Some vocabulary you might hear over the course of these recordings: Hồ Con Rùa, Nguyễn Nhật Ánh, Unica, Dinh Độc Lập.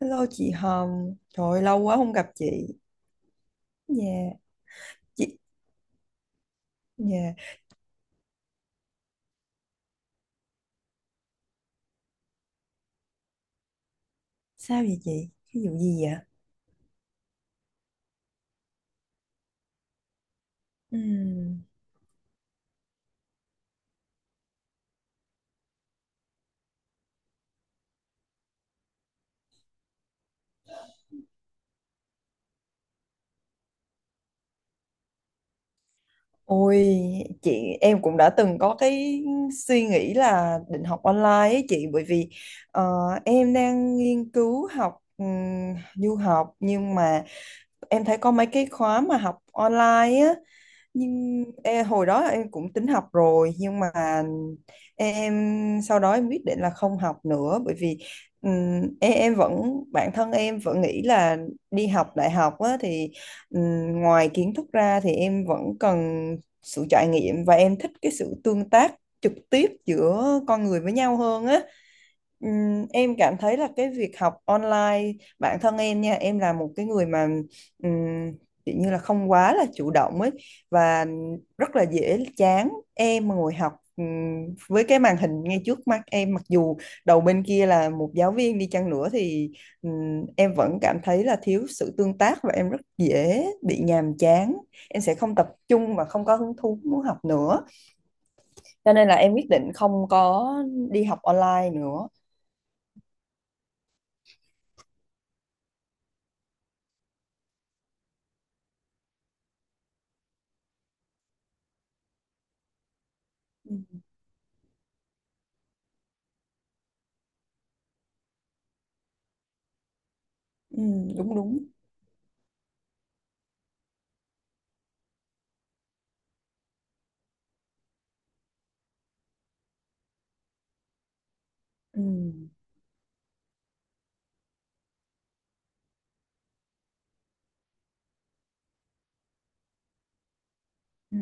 Hello chị Hồng, trời ơi, lâu quá không gặp chị. Dạ, chị, dạ, sao vậy chị? Cái vụ gì vậy? Ừ. Ôi chị, em cũng đã từng có cái suy nghĩ là định học online ấy chị, bởi vì ờ, em đang nghiên cứu học du học, nhưng mà em thấy có mấy cái khóa mà học online á. Nhưng hồi đó em cũng tính học rồi, nhưng mà em sau đó em quyết định là không học nữa, bởi vì em vẫn, bản thân em vẫn nghĩ là đi học đại học á, thì ngoài kiến thức ra thì em vẫn cần sự trải nghiệm và em thích cái sự tương tác trực tiếp giữa con người với nhau hơn á. Em cảm thấy là cái việc học online, bản thân em nha, em là một cái người mà ừm, kiểu như là không quá là chủ động ấy, và rất là dễ chán. Em mà ngồi học với cái màn hình ngay trước mắt em, mặc dù đầu bên kia là một giáo viên đi chăng nữa, thì em vẫn cảm thấy là thiếu sự tương tác và em rất dễ bị nhàm chán, em sẽ không tập trung và không có hứng thú muốn học nữa, cho nên là em quyết định không có đi học online nữa. Ừ. Ừ, đúng đúng. Ừ. Ừ.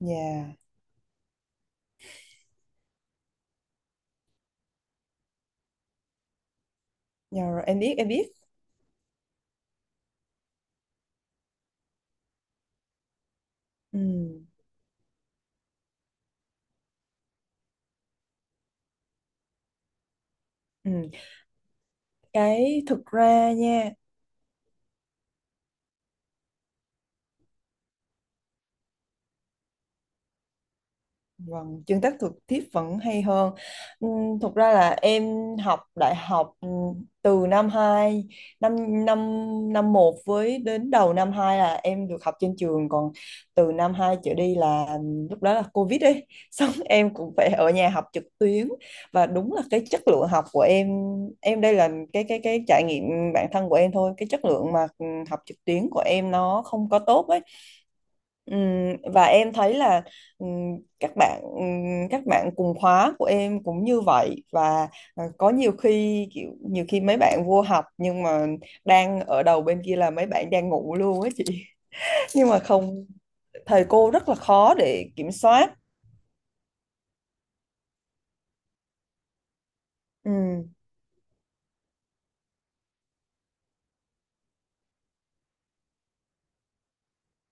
Yeah. Yeah, rồi em biết em biết. Ừ, ừ. Cái thực ra nha. Vâng, tương tác trực tiếp vẫn hay hơn. Thực ra là em học đại học, từ năm 2, năm năm năm một với đến đầu năm 2 là em được học trên trường, còn từ năm 2 trở đi là lúc đó là Covid ấy, xong em cũng phải ở nhà học trực tuyến. Và đúng là cái chất lượng học của em đây là cái trải nghiệm bản thân của em thôi, cái chất lượng mà học trực tuyến của em nó không có tốt ấy. Ừm, và em thấy là ừm, các bạn các bạn cùng khóa của em cũng như vậy, và có nhiều khi mấy bạn vô học nhưng mà đang ở đầu bên kia là mấy bạn đang ngủ luôn á chị, nhưng mà không, thầy cô rất là khó để kiểm soát. Ừ,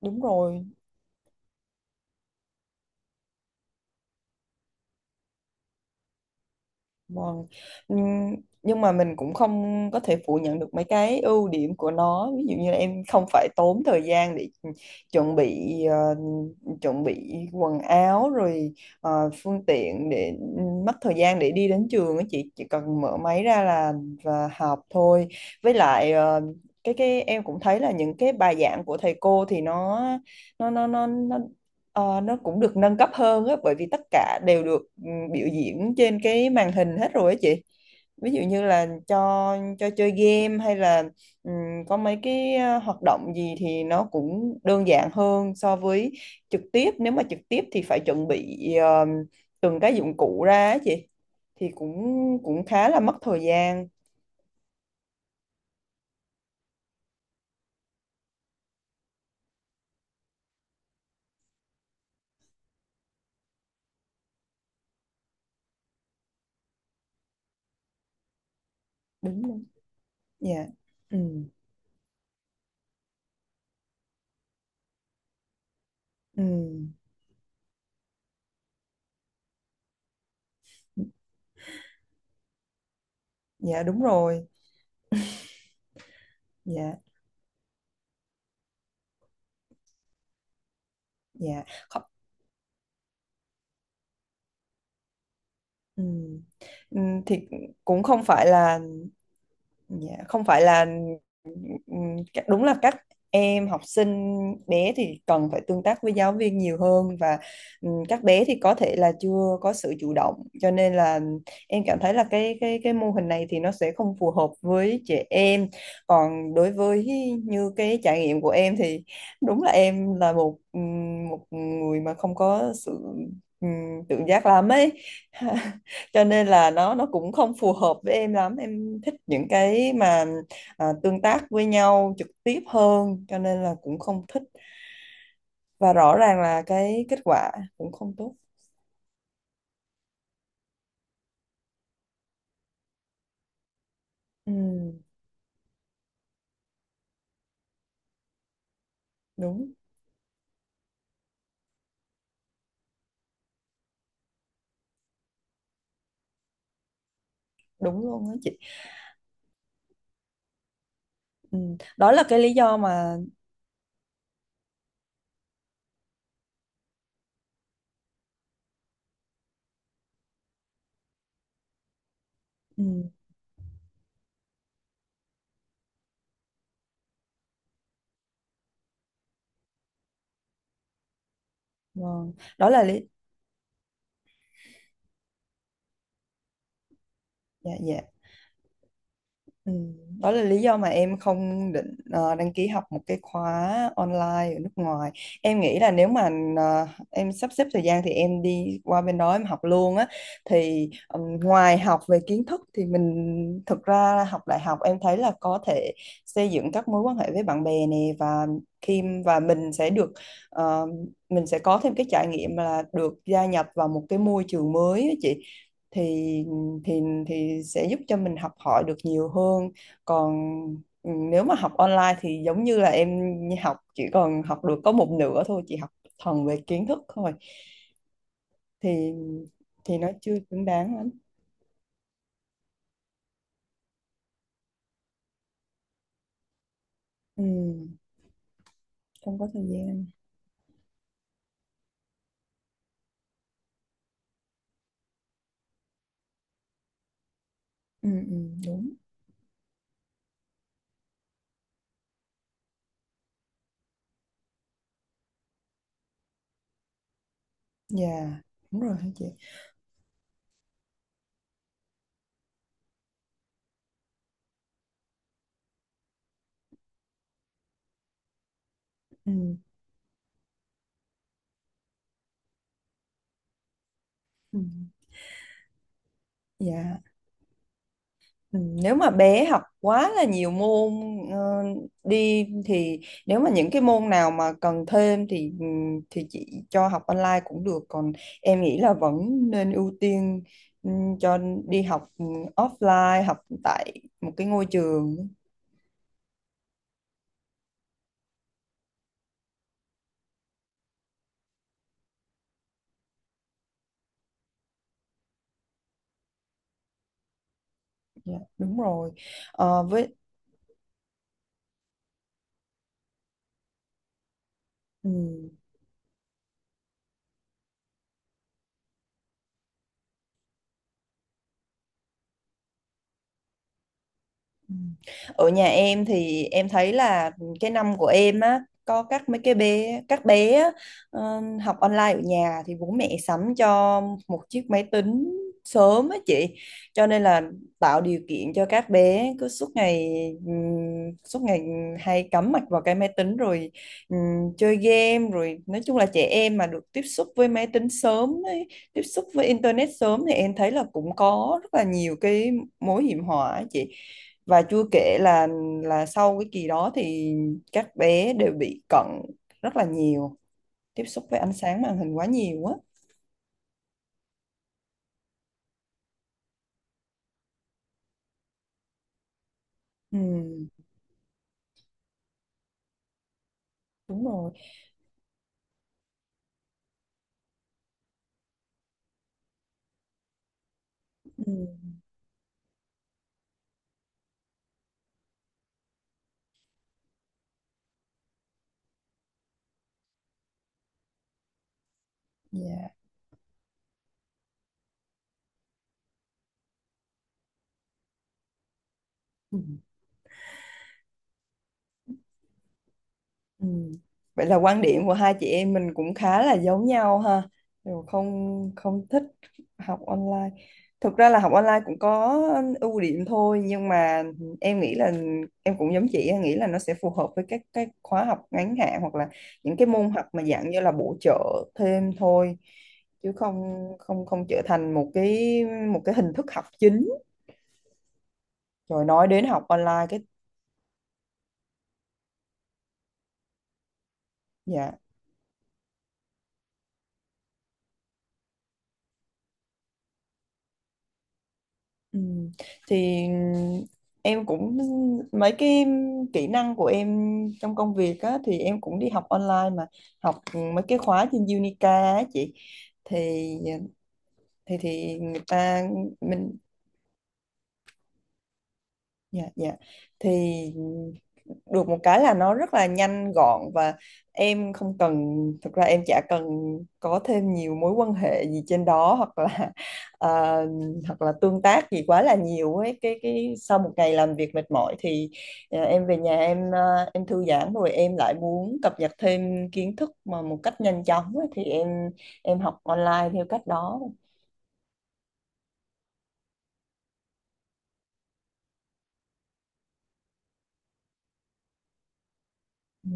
đúng rồi. Vâng. Ừm, Nhưng mà mình cũng không có thể phủ nhận được mấy cái ưu điểm của nó. Ví dụ như là em không phải tốn thời gian để chuẩn bị ờ, chuẩn bị quần áo, rồi phương tiện để mất thời gian để đi đến trường á chị, chỉ cần mở máy ra là và học thôi. Với lại cái em cũng thấy là những cái bài giảng của thầy cô thì nó nó nó nó nó cũng được nâng cấp hơn á, bởi vì tất cả đều được biểu diễn trên cái màn hình hết rồi á chị. Ví dụ như là cho chơi game hay là ừ, có mấy cái hoạt động gì thì nó cũng đơn giản hơn so với trực tiếp. Nếu mà trực tiếp thì phải chuẩn bị từng cái dụng cụ ra á chị, thì cũng cũng khá là mất thời gian. Đúng rồi. Dạ. Ừ. Ừ. Dạ đúng rồi. Dạ. Dạ. Không-. Ừ. Ừ, thì cũng không phải là, dạ, không phải là, ừ, đúng là các em học sinh bé thì cần phải tương tác với giáo viên nhiều hơn, và các bé thì có thể là chưa có sự chủ động, cho nên là em cảm thấy là cái mô hình này thì nó sẽ không phù hợp với trẻ em. Còn đối với như cái trải nghiệm của em thì đúng là em là một một người mà không có sự ừ, tự giác lắm ấy, cho nên là nó cũng không phù hợp với em lắm. Em thích những cái mà tương tác với nhau trực tiếp hơn, cho nên là cũng không thích. Và rõ ràng là cái kết quả cũng không tốt. Ừ, đúng đúng luôn đó chị. Ừ, đó là cái lý do mà. Ừ, vâng. Đó là lý. Dạ dạ. Ừ, đó là lý do mà em không định đăng ký học một cái khóa online ở nước ngoài. Em nghĩ là nếu mà em sắp xếp thời gian thì em đi qua bên đó em học luôn á. Thì ngoài học về kiến thức thì mình, thực ra là học đại học em thấy là có thể xây dựng các mối quan hệ với bạn bè nè, và khi và mình sẽ được ờ, mình sẽ có thêm cái trải nghiệm là được gia nhập vào một cái môi trường mới á chị. Thì thì thì sẽ giúp cho mình học hỏi được nhiều hơn, còn nếu mà học online thì giống như là em học, chỉ còn học được có một nửa thôi, chỉ học thuần về kiến thức thôi, thì thì nó chưa xứng đáng lắm. Ừ, không có thời gian. Ừ, ừ, đúng. Dạ đúng rồi hả chị. Ừ, ừ, dạ. Ừ, nếu mà bé học quá là nhiều môn ờ, đi thì, nếu mà những cái môn nào mà cần thêm thì chị cho học online cũng được, còn em nghĩ là vẫn nên ưu tiên ừ, cho đi học offline, học tại một cái ngôi trường. Dạ, đúng rồi. Ờ, với. Ừ. Ừ. Ở nhà em thì em thấy là cái năm của em á có các bé á, học online ở nhà thì bố mẹ sắm cho một chiếc máy tính sớm á chị, cho nên là tạo điều kiện cho các bé cứ suốt ngày hay cắm mặt vào cái máy tính, rồi chơi game, rồi nói chung là trẻ em mà được tiếp xúc với máy tính sớm ấy, tiếp xúc với internet sớm thì em thấy là cũng có rất là nhiều cái mối hiểm họa á chị. Và chua kể là sau cái kỳ đó thì các bé đều bị cận rất là nhiều, tiếp xúc với ánh sáng màn hình quá nhiều á. Ừ, đúng rồi. Ừ, dạ. Ừ. Ừ. Vậy là quan điểm của hai chị em mình cũng khá là giống nhau ha. Đều không, không thích học online. Thực ra là học online cũng có ưu điểm thôi, nhưng mà em nghĩ là, em cũng giống chị, em nghĩ là nó sẽ phù hợp với các cái khóa học ngắn hạn hoặc là những cái môn học mà dạng như là bổ trợ thêm thôi, chứ không, không, không trở thành một cái hình thức học chính. Rồi nói đến học online cái. Dạ. Ừ. Thì em cũng, mấy cái kỹ năng của em trong công việc á, thì em cũng đi học online mà, học mấy cái khóa trên Unica á chị, thì thì người ta mình. Dạ dạ. Thì được một cái là nó rất là nhanh gọn và em không cần, thực ra em chả cần có thêm nhiều mối quan hệ gì trên đó hoặc là ờ, hoặc là tương tác gì quá là nhiều ấy, cái sau một ngày làm việc mệt mỏi thì em về nhà, em thư giãn rồi em lại muốn cập nhật thêm kiến thức mà một cách nhanh chóng ấy, thì em học online theo cách đó. Ừ.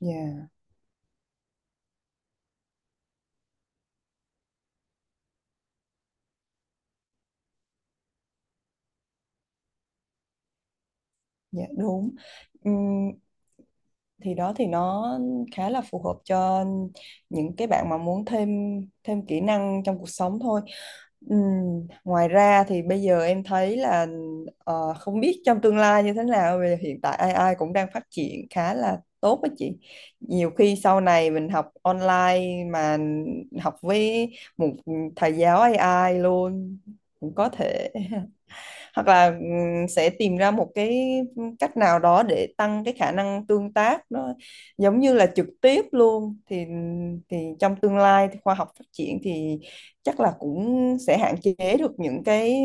Dạ, dạ đúng. Ừm, thì đó, thì nó khá là phù hợp cho những cái bạn mà muốn thêm thêm kỹ năng trong cuộc sống thôi. Ừm, Ngoài ra thì bây giờ em thấy là, không biết trong tương lai như thế nào, vì hiện tại AI cũng đang phát triển khá là tốt á chị. Nhiều khi sau này mình học online mà học với một thầy giáo AI luôn cũng có thể, hoặc là sẽ tìm ra một cái cách nào đó để tăng cái khả năng tương tác nó giống như là trực tiếp luôn, thì trong tương lai thì khoa học phát triển thì chắc là cũng sẽ hạn chế được những cái,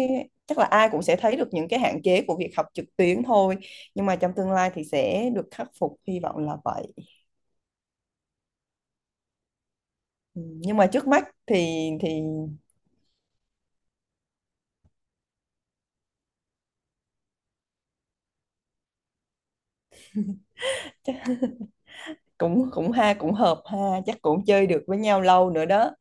chắc là ai cũng sẽ thấy được những cái hạn chế của việc học trực tuyến thôi, nhưng mà trong tương lai thì sẽ được khắc phục, hy vọng là vậy. Ừ, nhưng mà trước mắt thì chắc cũng cũng ha, cũng hợp ha, chắc cũng chơi được với nhau lâu nữa đó.